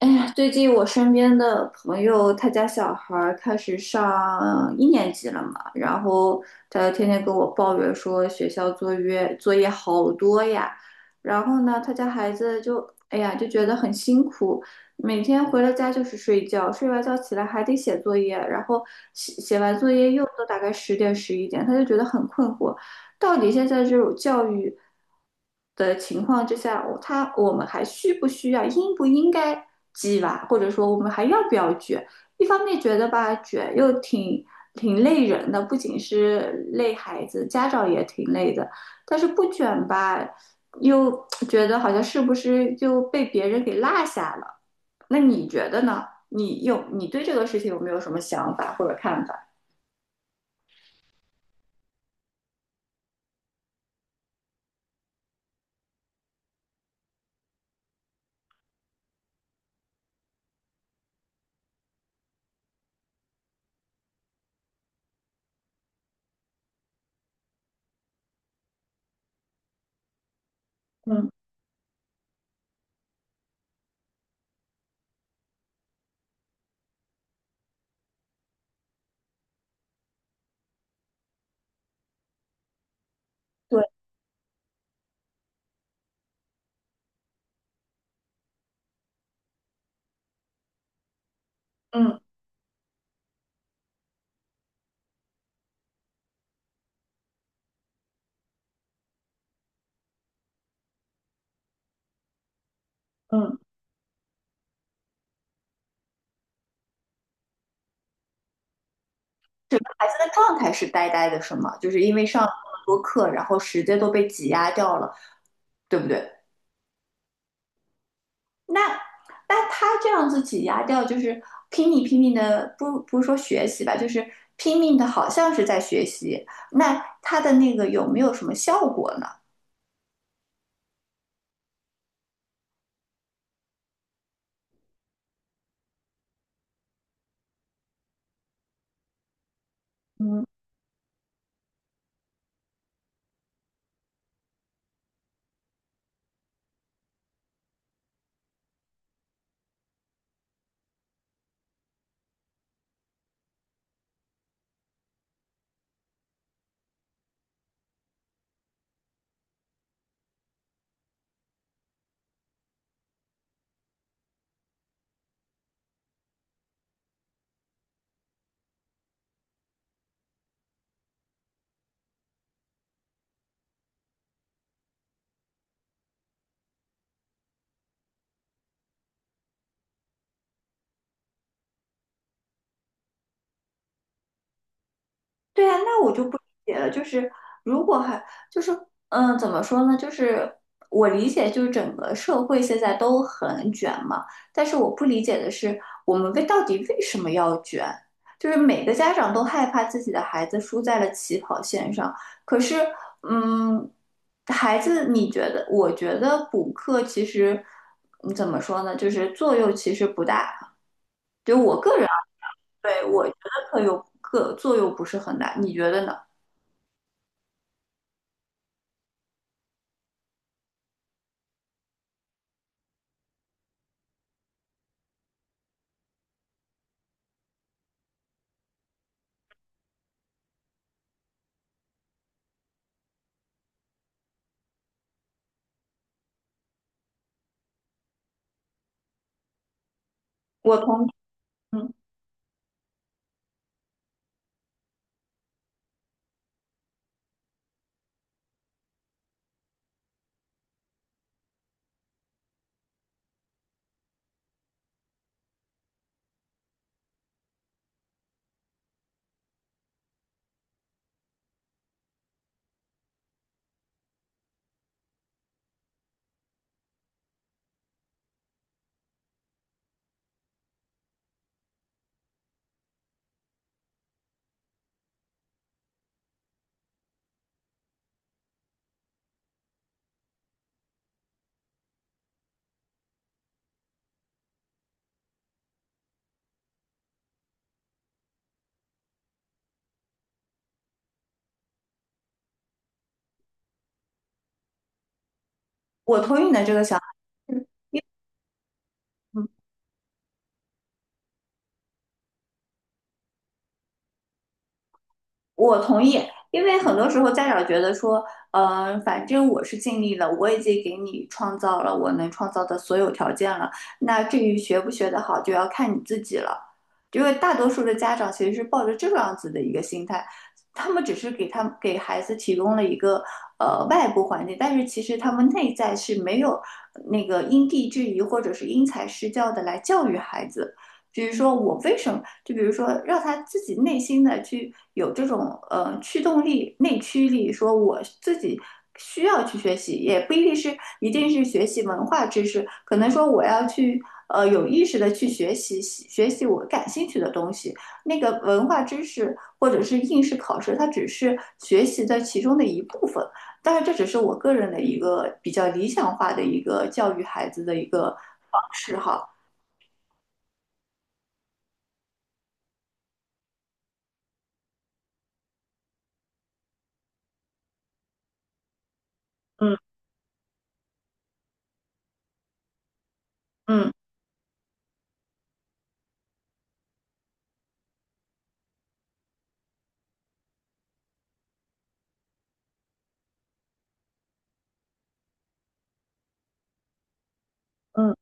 哎呀，最近我身边的朋友，他家小孩儿开始上一年级了嘛，然后他天天跟我抱怨说学校作业好多呀，然后呢，他家孩子就哎呀就觉得很辛苦，每天回了家就是睡觉，睡完觉起来还得写作业，然后写完作业又都大概十点十一点，他就觉得很困惑。到底现在这种教育的情况之下，我们还需不需要，应不应该鸡娃，或者说我们还要不要卷？一方面觉得吧，卷又挺累人的，不仅是累孩子，家长也挺累的。但是不卷吧，又觉得好像是不是就被别人给落下了？那你觉得呢？你对这个事情有没有什么想法或者看法？嗯，对，嗯嗯。整个孩子的状态是呆呆的，是吗？就是因为上了那么多课，然后时间都被挤压掉了，对不对？那那他这样子挤压掉，就是拼命的，不是说学习吧，就是拼命的，好像是在学习。那他的那个有没有什么效果呢？嗯，对啊，那我就不理解了。就是如果还就是嗯，怎么说呢？就是我理解，就是整个社会现在都很卷嘛。但是我不理解的是，我们到底为什么要卷？就是每个家长都害怕自己的孩子输在了起跑线上。可是，嗯，孩子，你觉得？我觉得补课其实，嗯怎么说呢？就是作用其实不大。对，我觉得课作用不是很大，你觉得呢？我同。嗯。我同意你的这个想法，嗯嗯，我同意，因为很多时候家长觉得说，反正我是尽力了，我已经给你创造了我能创造的所有条件了，那至于学不学得好，就要看你自己了。因为大多数的家长其实是抱着这样子的一个心态，他们只是给他们给孩子提供了一个外部环境，但是其实他们内在是没有那个因地制宜或者是因材施教的来教育孩子。比如说我为什么，就比如说让他自己内心的去有这种驱动力、内驱力，说我自己需要去学习，也不一定是学习文化知识，可能说我要去有意识的去学习我感兴趣的东西。那个文化知识或者是应试考试，它只是学习的其中的一部分。但是这只是我个人的一个比较理想化的一个教育孩子的一个方式哈。嗯嗯。嗯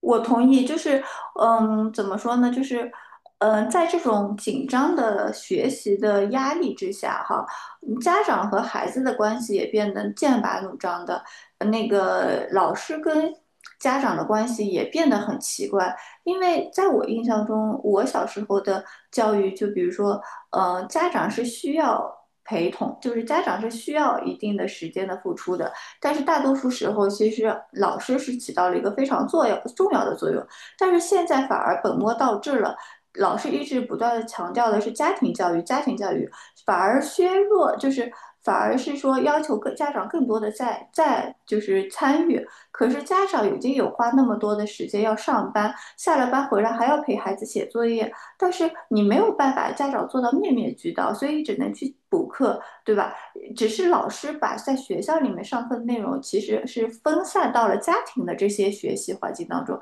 我同意，就是，嗯，怎么说呢？就是，嗯，在这种紧张的学习的压力之下，哈，嗯家长和孩子的关系也变得剑拔弩张的，那个老师跟家长的关系也变得很奇怪。因为在我印象中，我小时候的教育，就比如说，家长是需要陪同，就是家长是需要一定的时间的付出的，但是大多数时候，其实老师是起到了一个非常重要的作用，但是现在反而本末倒置了。老师一直不断的强调的是家庭教育，家庭教育反而削弱，就是反而是说要求各家长更多的在就是参与。可是家长已经有花那么多的时间要上班，下了班回来还要陪孩子写作业，但是你没有办法，家长做到面面俱到，所以只能去补课，对吧？只是老师把在学校里面上课的内容，其实是分散到了家庭的这些学习环境当中，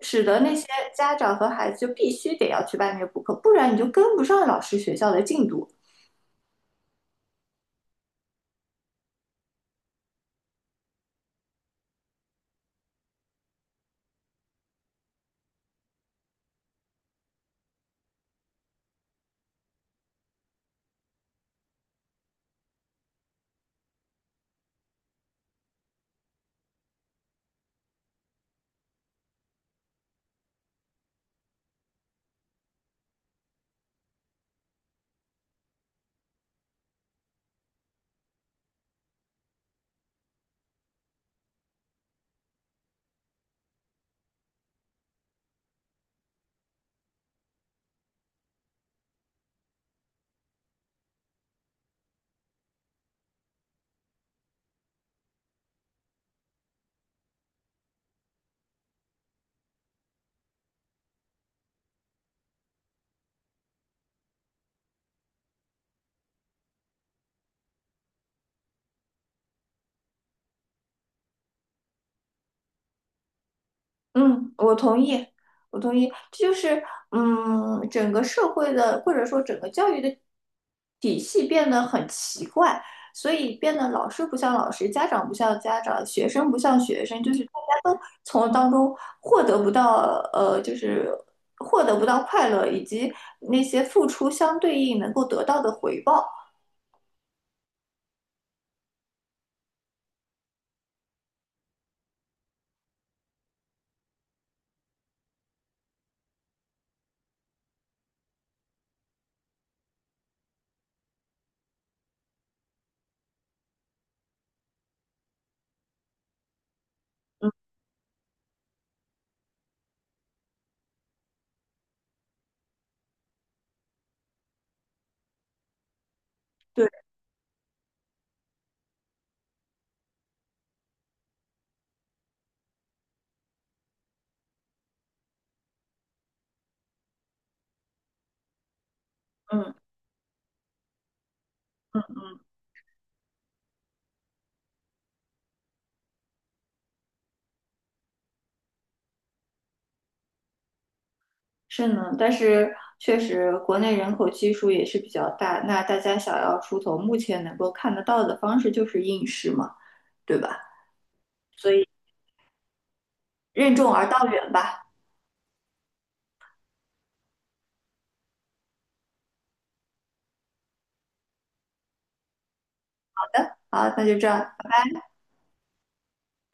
使得那些家长和孩子就必须得要去外面补课，不然你就跟不上老师学校的进度。嗯，我同意，我同意，这就是嗯，整个社会的或者说整个教育的体系变得很奇怪，所以变得老师不像老师，家长不像家长，学生不像学生，就是大家都从当中获得不到就是获得不到快乐，以及那些付出相对应能够得到的回报。嗯，对，嗯嗯。是呢，但是确实国内人口基数也是比较大，那大家想要出头，目前能够看得到的方式就是应试嘛，对吧？所以任重而道远吧。好，那就这样。